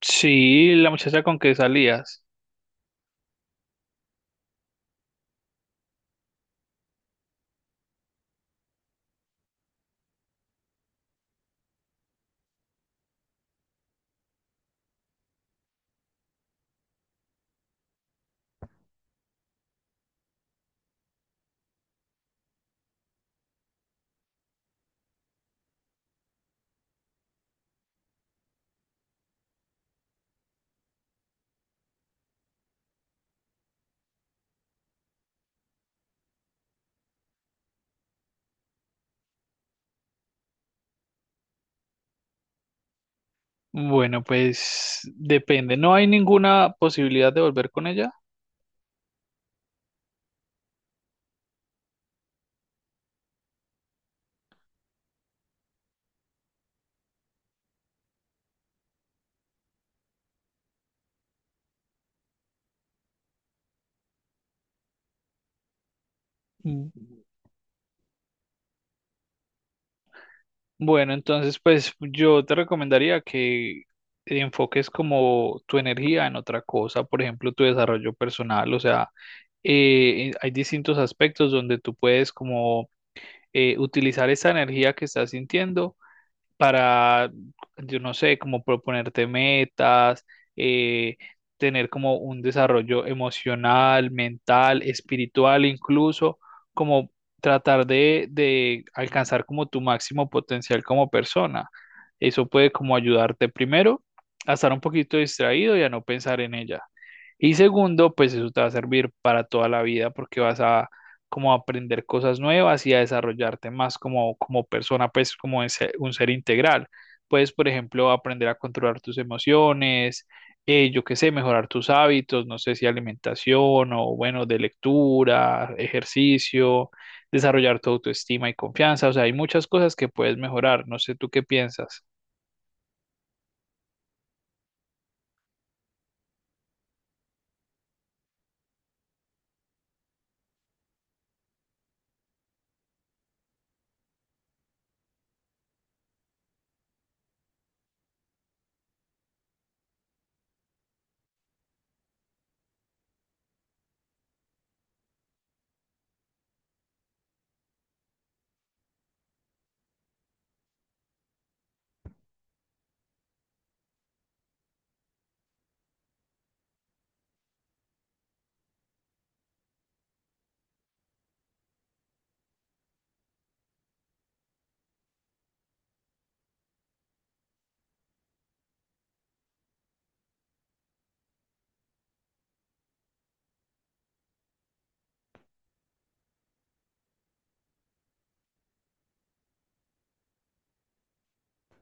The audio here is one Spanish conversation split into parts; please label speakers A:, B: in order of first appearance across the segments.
A: Sí, la muchacha con que salías. Bueno, pues depende. ¿No hay ninguna posibilidad de volver con ella? Mm. Bueno, entonces pues yo te recomendaría que enfoques como tu energía en otra cosa, por ejemplo, tu desarrollo personal, o sea, hay distintos aspectos donde tú puedes como utilizar esa energía que estás sintiendo para, yo no sé, como proponerte metas, eh, tener como un desarrollo emocional, mental, espiritual, incluso como tratar de alcanzar como tu máximo potencial como persona. Eso puede como ayudarte primero a estar un poquito distraído y a no pensar en ella. Y segundo, pues eso te va a servir para toda la vida porque vas a como a aprender cosas nuevas y a desarrollarte más como, como persona, pues como un ser integral. Puedes, por ejemplo, aprender a controlar tus emociones, yo qué sé, mejorar tus hábitos, no sé si alimentación o bueno, de lectura, ejercicio, desarrollar tu autoestima y confianza. O sea, hay muchas cosas que puedes mejorar. No sé tú qué piensas.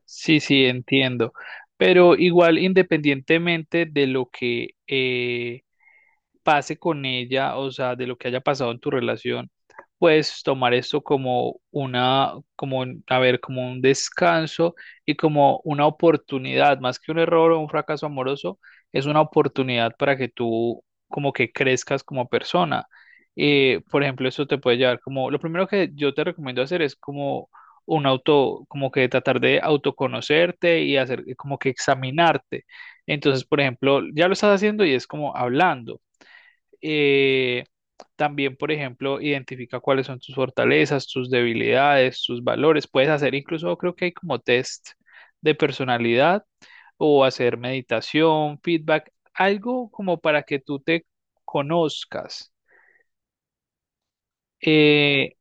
A: Sí, sí, entiendo. Pero igual, independientemente de lo que pase con ella, o sea, de lo que haya pasado en tu relación, puedes tomar esto como una, como, a ver, como un descanso y como una oportunidad, más que un error o un fracaso amoroso, es una oportunidad para que tú como que crezcas como persona. Por ejemplo, eso te puede llevar como, lo primero que yo te recomiendo hacer es como un auto, como que tratar de autoconocerte y hacer como que examinarte. Entonces, por ejemplo, ya lo estás haciendo y es como hablando. Eh, También, por ejemplo, identifica cuáles son tus fortalezas, tus debilidades, tus valores. Puedes hacer incluso, creo que hay como test de personalidad o hacer meditación, feedback, algo como para que tú te conozcas. Eh,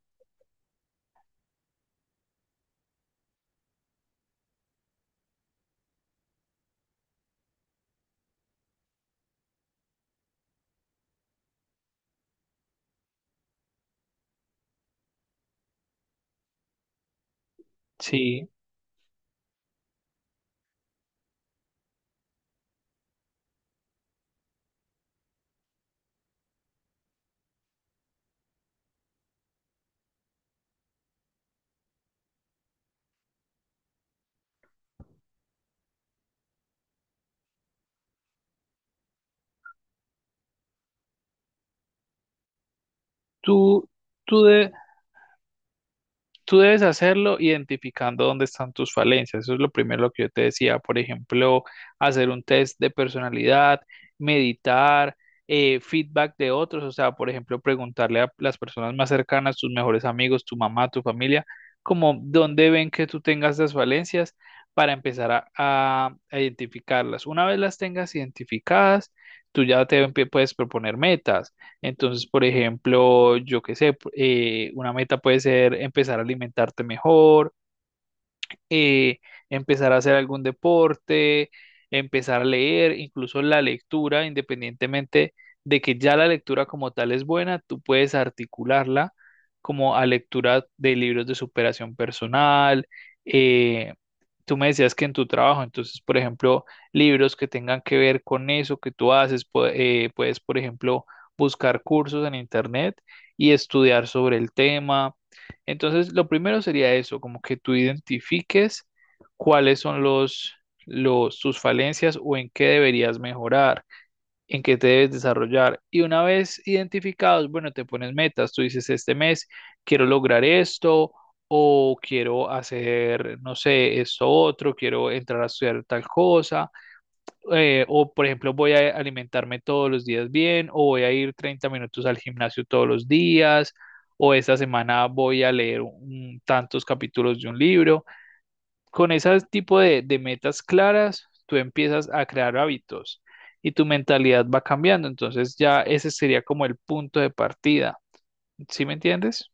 A: sí, tú, tú Tú debes hacerlo identificando dónde están tus falencias. Eso es lo primero lo que yo te decía. Por ejemplo, hacer un test de personalidad, meditar, feedback de otros. O sea, por ejemplo, preguntarle a las personas más cercanas, tus mejores amigos, tu mamá, tu familia, como dónde ven que tú tengas las falencias para empezar a identificarlas. Una vez las tengas identificadas, tú puedes proponer metas entonces, por ejemplo, yo qué sé, una meta puede ser empezar a alimentarte mejor, eh, empezar a hacer algún deporte, empezar a leer, incluso la lectura, independientemente de que ya la lectura como tal es buena, tú puedes articularla como a lectura de libros de superación personal, eh, tú me decías que en tu trabajo, entonces, por ejemplo, libros que tengan que ver con eso que tú haces, puedes, por ejemplo, buscar cursos en internet y estudiar sobre el tema. Entonces, lo primero sería eso, como que tú identifiques cuáles son los, tus falencias o en qué deberías mejorar en qué te debes desarrollar. Y una vez identificados, bueno, te pones metas. Tú dices, este mes quiero lograr esto o quiero hacer, no sé, esto otro, quiero entrar a estudiar tal cosa, o por ejemplo voy a alimentarme todos los días bien, o voy a ir 30 minutos al gimnasio todos los días, o esta semana voy a leer tantos capítulos de un libro. Con ese tipo de metas claras, tú empiezas a crear hábitos y tu mentalidad va cambiando. Entonces ya ese sería como el punto de partida. ¿Sí me entiendes?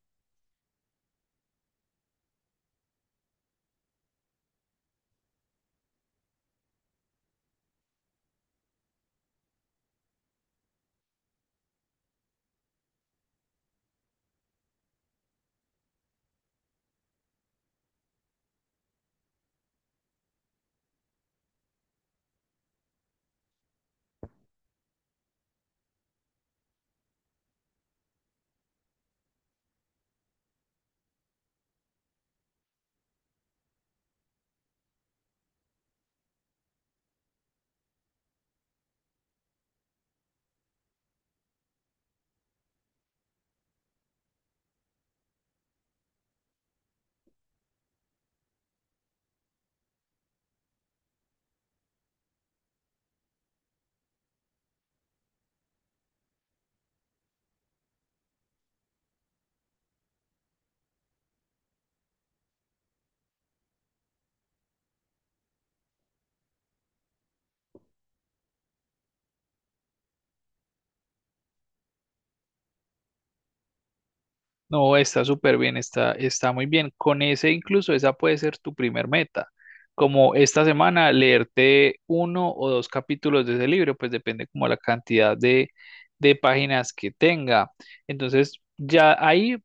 A: No, está súper bien, está, está muy bien. Con ese incluso, esa puede ser tu primer meta. Como esta semana, leerte uno o dos capítulos de ese libro, pues depende como la cantidad de páginas que tenga. Entonces, ya ahí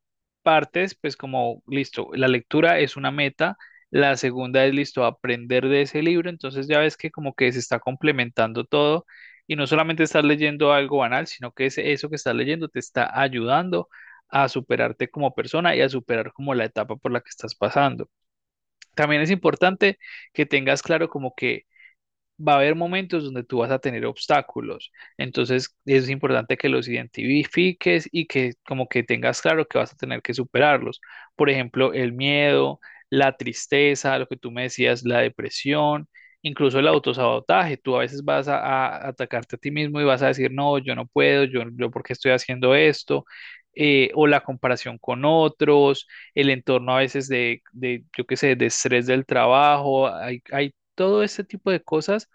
A: partes, pues como, listo, la lectura es una meta. La segunda es, listo, aprender de ese libro. Entonces ya ves que como que se está complementando todo y no solamente estás leyendo algo banal, sino que eso que estás leyendo te está ayudando a superarte como persona y a superar como la etapa por la que estás pasando. También es importante que tengas claro como que va a haber momentos donde tú vas a tener obstáculos. Entonces es importante que los identifiques y que como que tengas claro que vas a tener que superarlos. Por ejemplo, el miedo, la tristeza, lo que tú me decías, la depresión, incluso el autosabotaje. Tú a veces vas a atacarte a ti mismo y vas a decir, no, yo no puedo, yo por qué estoy haciendo esto. O la comparación con otros, el entorno a veces de yo qué sé, de estrés del trabajo, hay todo este tipo de cosas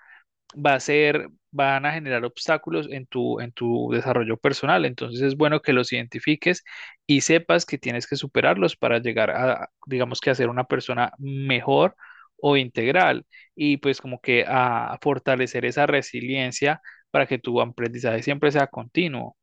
A: va a ser, van a generar obstáculos en en tu desarrollo personal. Entonces es bueno que los identifiques y sepas que tienes que superarlos para llegar a, digamos que a ser una persona mejor o integral y pues como que a fortalecer esa resiliencia para que tu aprendizaje siempre sea continuo.